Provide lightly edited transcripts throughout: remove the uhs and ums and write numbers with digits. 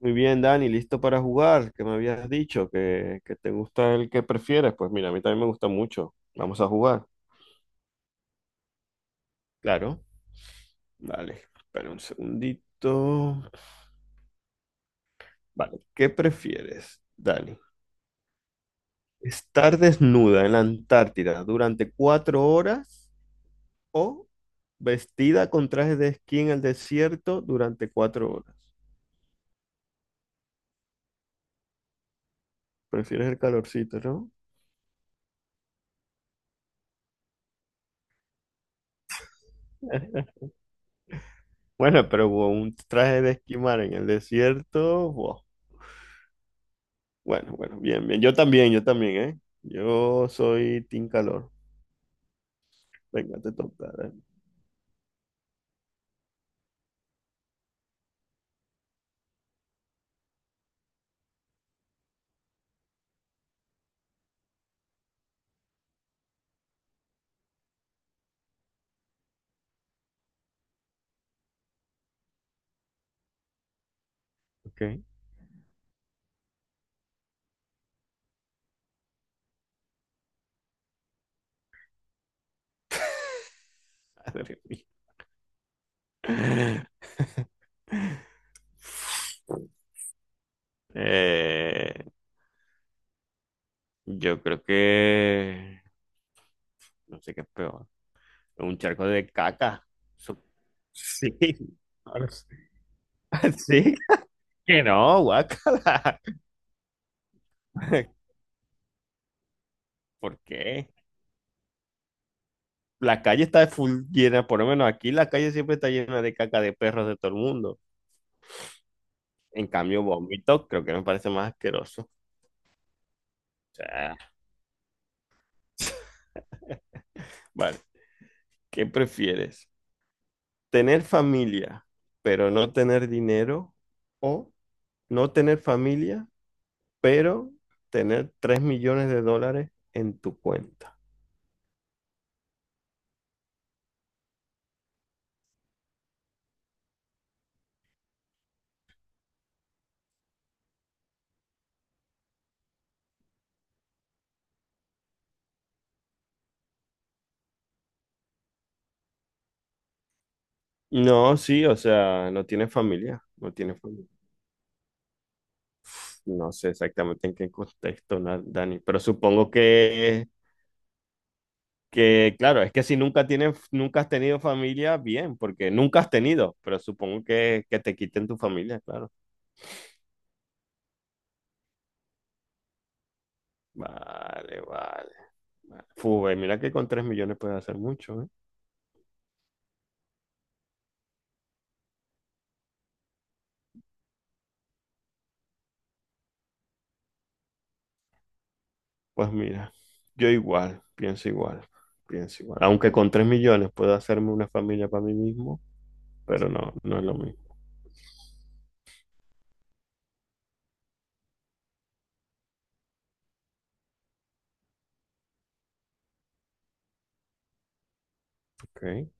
Muy bien, Dani, listo para jugar, que me habías dicho que te gusta el que prefieres. Pues mira, a mí también me gusta mucho. Vamos a jugar. Claro. Vale, espera un segundito. Vale, ¿qué prefieres, Dani? ¿Estar desnuda en la Antártida durante 4 horas o vestida con traje de esquí en el desierto durante 4 horas? Prefieres el calorcito, ¿no? Bueno, pero un traje de esquimar en el desierto, wow. Bueno, bueno, bien, bien. Yo también, ¿eh? Yo soy Team Calor. Venga, te toca. Dale. Ok. Madre mía. Eh, yo creo que... No sé qué es peor. Un charco de caca. Su- Sí. Ahora sí. Sí, que no, guácala. ¿Por qué? La calle está full llena, por lo menos aquí la calle siempre está llena de caca de perros de todo el mundo. En cambio, vómito creo que me parece más asqueroso. O sea, vale, ¿qué prefieres? ¿Tener familia, pero no tener dinero? ¿O no tener familia, pero tener 3 millones de dólares en tu cuenta? No, sí, o sea, no tiene familia, no tiene familia. No sé exactamente en qué contexto, Dani, pero supongo que... Que claro, es que si nunca tienes, nunca has tenido familia, bien, porque nunca has tenido, pero supongo que te quiten tu familia, claro. Vale, vale, vale. Fu, mira que con 3 millones puedes hacer mucho, ¿eh? Pues mira, yo igual, pienso igual, pienso igual. Aunque con 3 millones puedo hacerme una familia para mí mismo, pero no, no es lo mismo, ¿ok?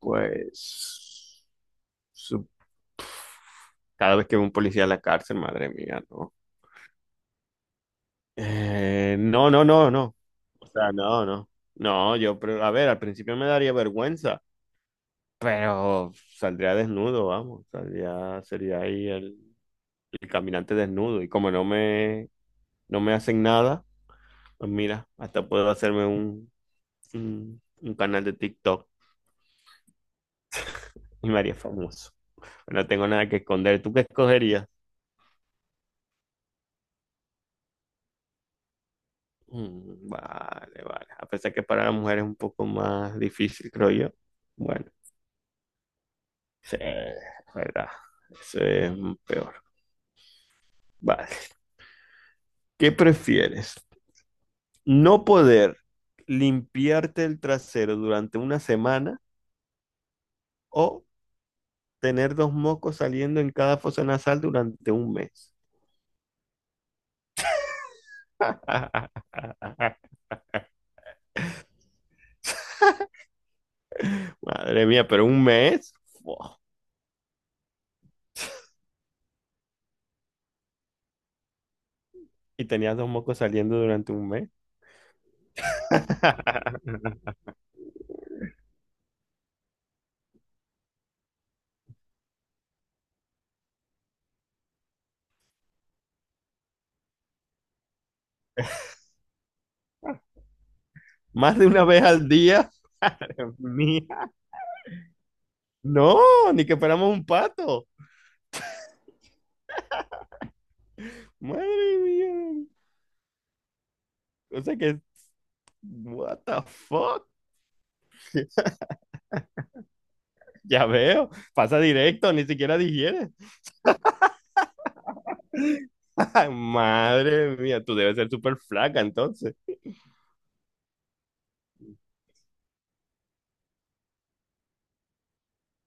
Pues su- cada vez que veo un policía en la cárcel, madre mía, ¿no? No, no, no, no. O sea, no, no. No, yo, pero, a ver, al principio me daría vergüenza, pero saldría desnudo, vamos. Sería ahí el caminante desnudo. Y como no me hacen nada, pues mira, hasta puedo hacerme un canal de TikTok y me haría famoso. No tengo nada que esconder. ¿Tú qué escogerías? Mm, vale, vale. A pesar que para las mujeres es un poco más difícil, creo yo. Bueno. Sí, verdad. Eso es peor. Vale. ¿Qué prefieres? ¿No poder limpiarte el trasero durante una semana o tener dos mocos saliendo en cada fosa nasal durante un mes? Madre mía, pero un mes. Fua. Y tenías dos mocos saliendo durante un mes. Más de una vez al día. Madre mía. No, ni que fuéramos un pato. Madre mía. O sea que what the fuck? Ya veo, pasa directo, ni siquiera digiere. Ay, madre mía, tú debes ser súper flaca entonces.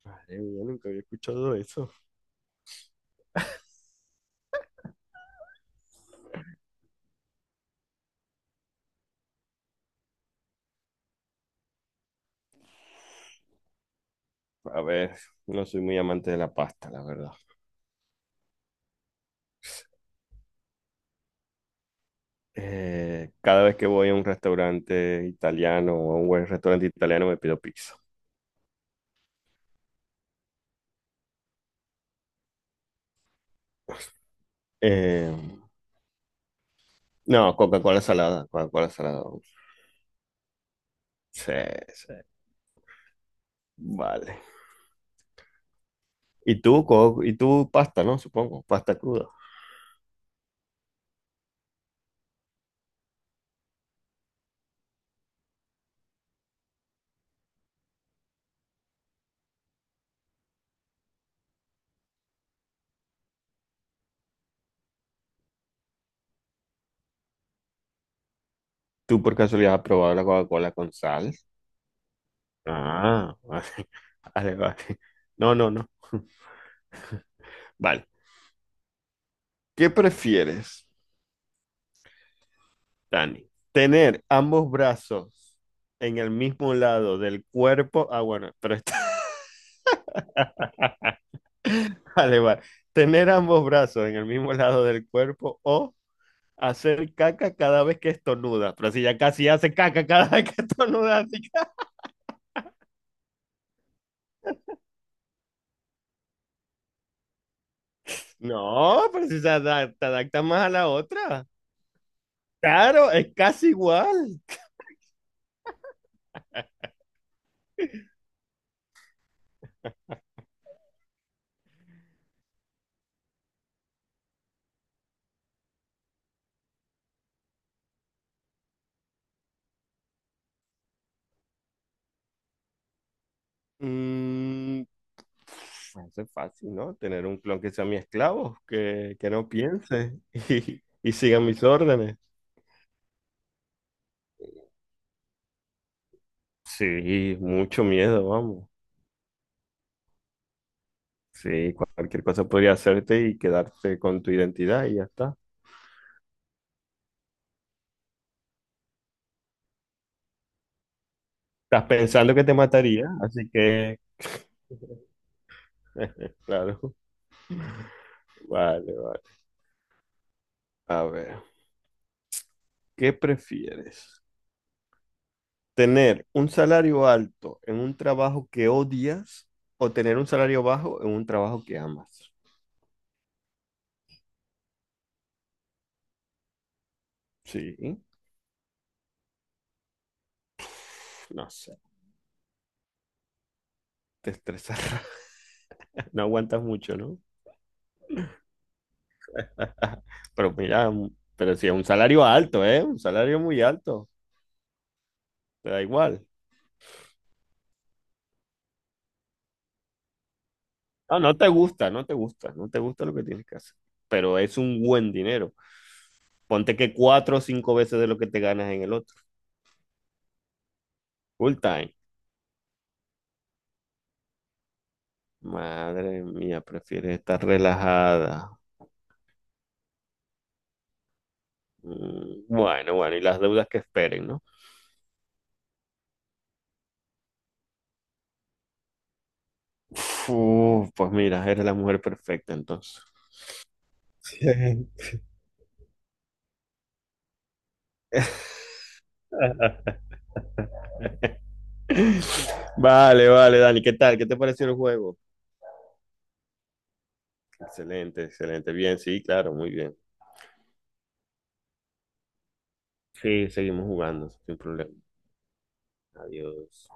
Madre mía, nunca había escuchado eso. A ver, no soy muy amante de la pasta, la verdad. Cada vez que voy a un restaurante italiano o a un buen restaurante italiano me pido pizza. Eh, no, Coca-Cola salada, Coca-Cola salada. Sí, sí, vale. ¿Y tú, y tú pasta, no? Supongo, pasta cruda. ¿Tú por casualidad has probado la Coca-Cola con sal? Ah, vale, vale, vale. No, no, no. Vale. ¿Qué prefieres, Dani? ¿Tener ambos brazos en el mismo lado del cuerpo? Ah, bueno, pero está, vale, vale. ¿Tener ambos brazos en el mismo lado del cuerpo o hacer caca cada vez que estornuda? Pero si ya casi hace caca cada vez que estornuda. Así que- No, pero si se adapta más a la otra. Claro, es casi igual. Mm, Bueno, eso es fácil, ¿no? Tener un clon que sea mi esclavo, que no piense y siga mis órdenes. Sí, mucho miedo, vamos. Sí, cualquier cosa podría hacerte y quedarte con tu identidad y ya está. Estás pensando que te mataría, así que, claro. Vale, vale. A ver, ¿qué prefieres? ¿Tener un salario alto en un trabajo que odias o tener un salario bajo en un trabajo que amas? Sí, no sé, te estresará. No aguantas mucho, ¿no? Pero mira, pero si es un salario alto, ¿eh? Un salario muy alto, te da igual. No, no te gusta, no te gusta, no te gusta lo que tienes que hacer, pero es un buen dinero. Ponte que cuatro o cinco veces de lo que te ganas en el otro, full time. Madre mía, prefieres estar relajada. Bueno, bueno, y las deudas que esperen, ¿no? Uf, pues mira, eres la mujer perfecta entonces. Vale, vale, Dani, ¿qué tal? ¿Qué te pareció el juego? Excelente, excelente. Bien, sí, claro, muy bien. Sí, seguimos jugando, sin problema. Adiós.